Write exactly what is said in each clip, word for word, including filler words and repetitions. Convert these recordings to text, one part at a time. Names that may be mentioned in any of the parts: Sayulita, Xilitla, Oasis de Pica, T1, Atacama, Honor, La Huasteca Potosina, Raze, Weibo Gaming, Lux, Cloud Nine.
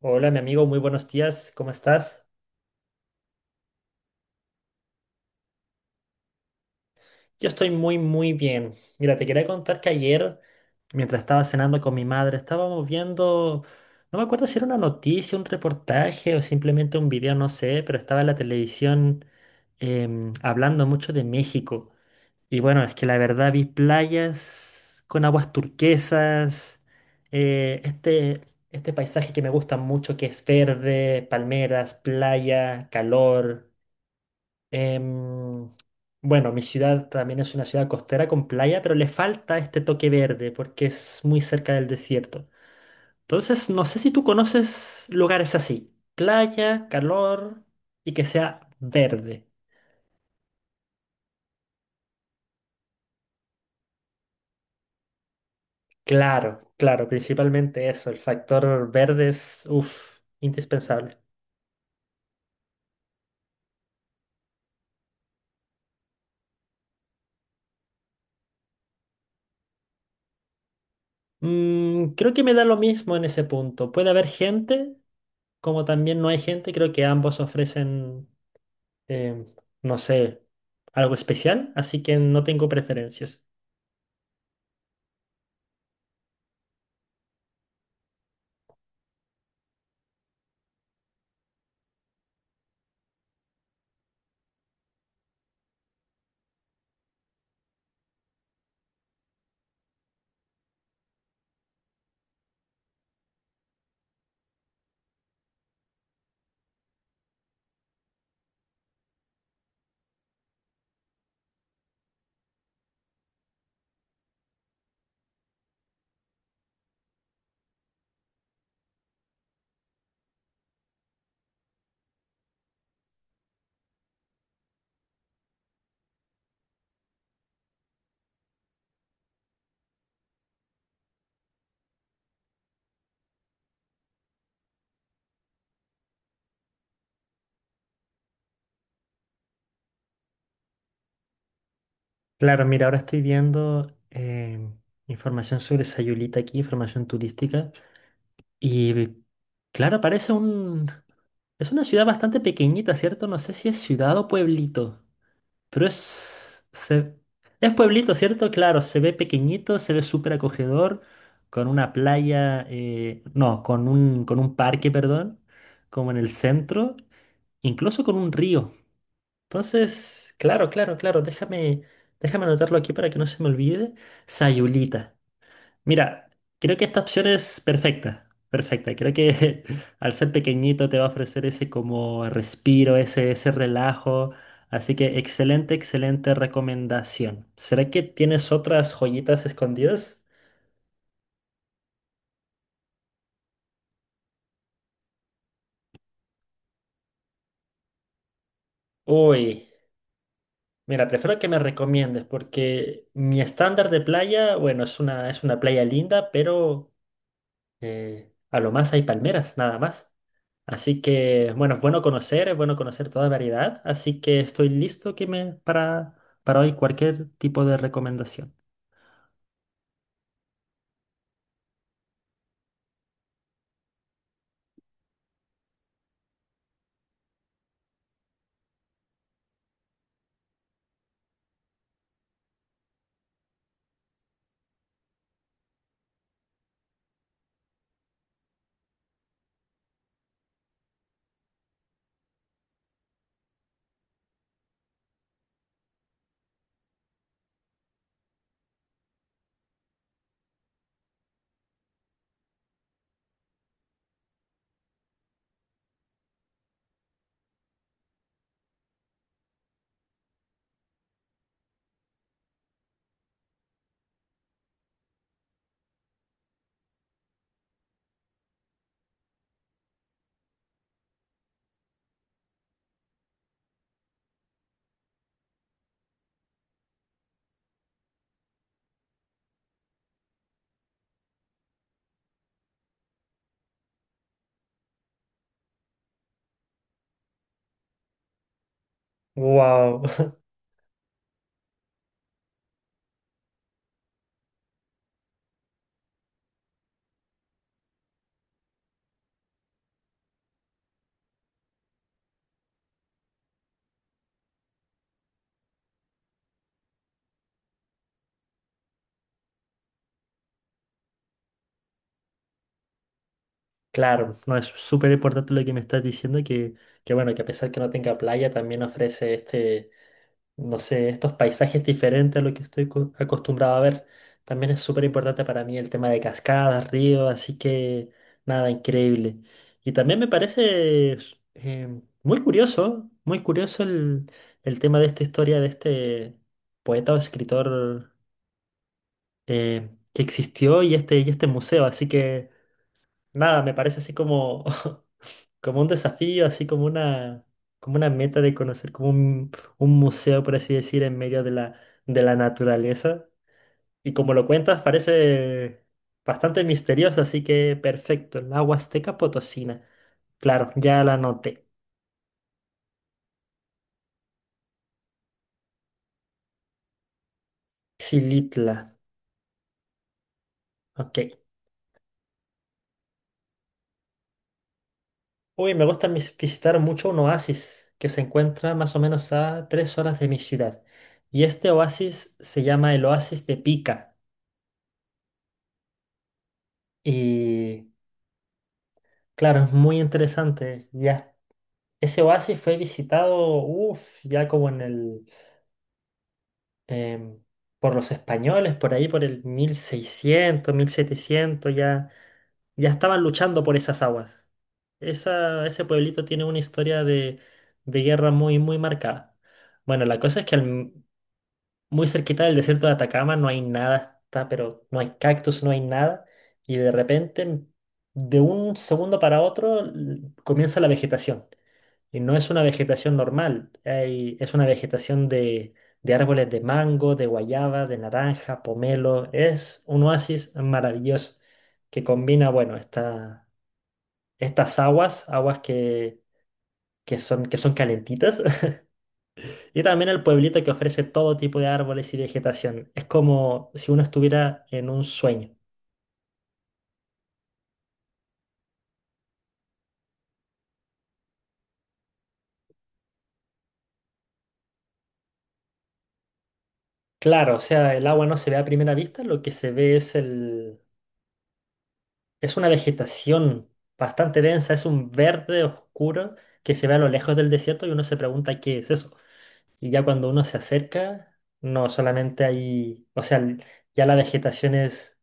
Hola, mi amigo, muy buenos días, ¿cómo estás? Yo estoy muy, muy bien. Mira, te quería contar que ayer, mientras estaba cenando con mi madre, estábamos viendo, no me acuerdo si era una noticia, un reportaje o simplemente un video, no sé, pero estaba en la televisión em, hablando mucho de México. Y bueno, es que la verdad vi playas con aguas turquesas, eh, este, este paisaje que me gusta mucho, que es verde, palmeras, playa, calor. Em, bueno, mi ciudad también es una ciudad costera con playa, pero le falta este toque verde porque es muy cerca del desierto. Entonces, no sé si tú conoces lugares así. Playa, calor y que sea verde. Claro, claro, principalmente eso, el factor verde es, uff, indispensable. Mm, creo que me da lo mismo en ese punto. Puede haber gente, como también no hay gente, creo que ambos ofrecen em, no sé, algo especial, así que no tengo preferencias. Claro, mira, ahora estoy viendo em, información sobre Sayulita aquí, información turística, y claro, parece. un... Es una ciudad bastante pequeñita, ¿cierto? No sé si es ciudad o pueblito, pero es... se- es pueblito, ¿cierto? Claro, se ve pequeñito, se ve súper acogedor, con una playa, eh, no, con un, con un parque, perdón, como en el centro, incluso con un río. Entonces, claro, claro, claro, déjame, déjame anotarlo aquí para que no se me olvide. Sayulita. Mira, creo que esta opción es perfecta, perfecta. Creo que al ser pequeñito te va a ofrecer ese como respiro, ese, ese relajo. Así que excelente, excelente recomendación. ¿Será que tienes otras joyitas escondidas? Uy, mira, prefiero que me recomiendes porque mi estándar de playa, bueno, es una, es una playa linda. Pero... Eh, a lo más hay palmeras, nada más. Así que, bueno, es bueno conocer, es bueno conocer toda variedad. Así que estoy listo que me, para, para hoy cualquier tipo de recomendación. Wow, claro, no es súper importante lo que me estás diciendo, que, que bueno, que a pesar que no tenga playa, también ofrece este, no sé, estos paisajes diferentes a lo que estoy co- acostumbrado a ver. También es súper importante para mí el tema de cascadas, ríos, así que nada, increíble. Y también me parece s- em, muy curioso, muy curioso el, el tema de esta historia de este poeta o escritor eh, que existió y este, y este museo, así que. Nada, me parece así como, como un desafío, así como una, como una meta de conocer como un, un museo, por así decir, en medio de la, de la, naturaleza. Y como lo cuentas, parece bastante misterioso, así que perfecto. La Huasteca Potosina. Claro, ya la noté. Xilitla. Ok. Uy, me gusta mis- visitar mucho un oasis que se encuentra más o menos a tres horas de mi ciudad. Y este oasis se llama el Oasis de Pica. Y claro, es muy interesante. Ya, ese oasis fue visitado, uff, ya como en el, em, por los españoles, por ahí por el mil seiscientos, mil setecientos, ya, ya estaban luchando por esas aguas. Esa, ese pueblito tiene una historia de, de guerra muy, muy marcada. Bueno, la cosa es que al- muy cerquita del desierto de Atacama no hay nada, está, pero no hay cactus, no hay nada, y de repente, de un segundo para otro, l- comienza la vegetación. Y no es una vegetación normal, hay- es una vegetación de, de árboles de mango, de guayaba, de naranja, pomelo. Es un oasis maravilloso que combina, bueno, esta- estas aguas, aguas que, que son, que son calentitas, y también el pueblito que ofrece todo tipo de árboles y vegetación. Es como si uno estuviera en un sueño. Claro, o sea, el agua no se ve a primera vista, lo que se ve es Es una vegetación bastante densa, es un verde oscuro que se ve a lo lejos del desierto y uno se pregunta qué es eso. Y ya cuando uno se acerca, no solamente hay, o sea, l- ya la vegetación es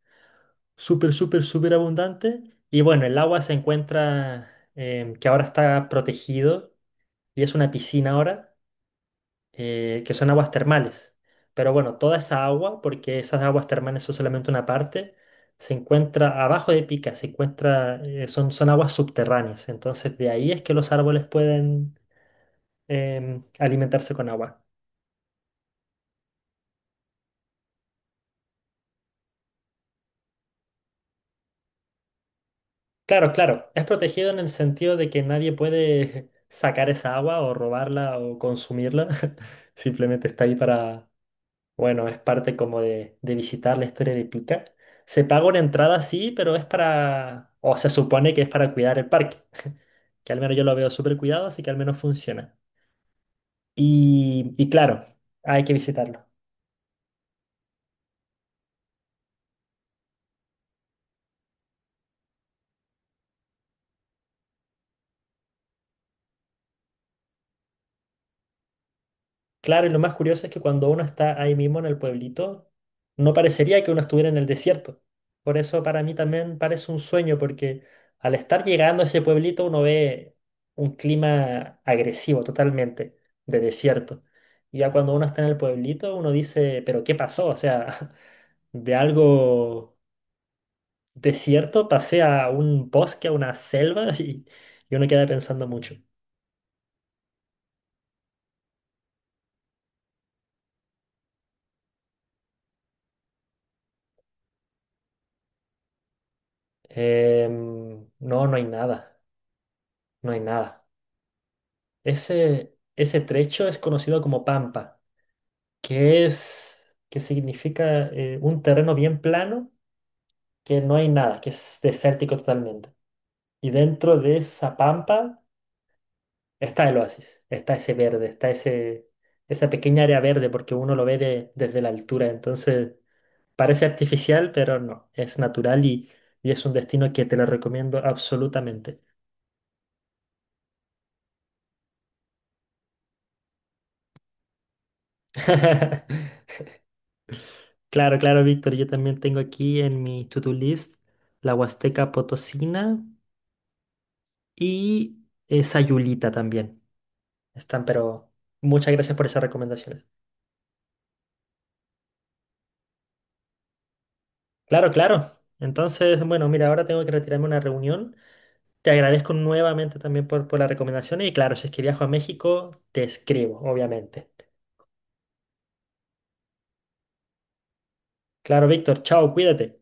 súper, súper, súper abundante. Y bueno, el agua se encuentra, em, que ahora está protegido y es una piscina ahora eh, que son aguas termales. Pero bueno, toda esa agua, porque esas aguas termales son solamente una parte, se encuentra abajo de Pica, se encuentra, eh, son, son aguas subterráneas. Entonces de ahí es que los árboles pueden em, alimentarse con agua. Claro, claro, es protegido en el sentido de que nadie puede sacar esa agua o robarla o consumirla. Simplemente está ahí. Para Bueno, es parte como de, de visitar la historia de Pica. Se paga una entrada, sí, pero es para, o se supone que es para cuidar el parque, que al menos yo lo veo súper cuidado, así que al menos funciona. Y, y claro, hay que visitarlo. Claro, y lo más curioso es que cuando uno está ahí mismo en el pueblito, no parecería que uno estuviera en el desierto. Por eso para mí también parece un sueño, porque al estar llegando a ese pueblito uno ve un clima agresivo totalmente, de desierto. Y ya cuando uno está en el pueblito, uno dice, pero ¿qué pasó? O sea, de algo desierto pasé a un bosque, a una selva, y, y uno queda pensando mucho. Em, no, no hay nada, no hay nada. Ese, ese trecho es conocido como pampa, que es, que significa eh, un terreno bien plano, que no hay nada, que es desértico totalmente. Y dentro de esa pampa está el oasis, está ese verde, está ese, esa pequeña área verde, porque uno lo ve de- desde la altura. Entonces parece artificial, pero no, es natural y, y es un destino que te lo recomiendo absolutamente. Claro, claro, Víctor, yo también tengo aquí en mi to-do list la Huasteca Potosina y eh, Sayulita también. Están, pero muchas gracias por esas recomendaciones. Claro, claro. Entonces, bueno, mira, ahora tengo que retirarme a una reunión. Te agradezco nuevamente también por, por las recomendaciones y claro, si es que viajo a México, te escribo, obviamente. Claro, Víctor, chao, cuídate.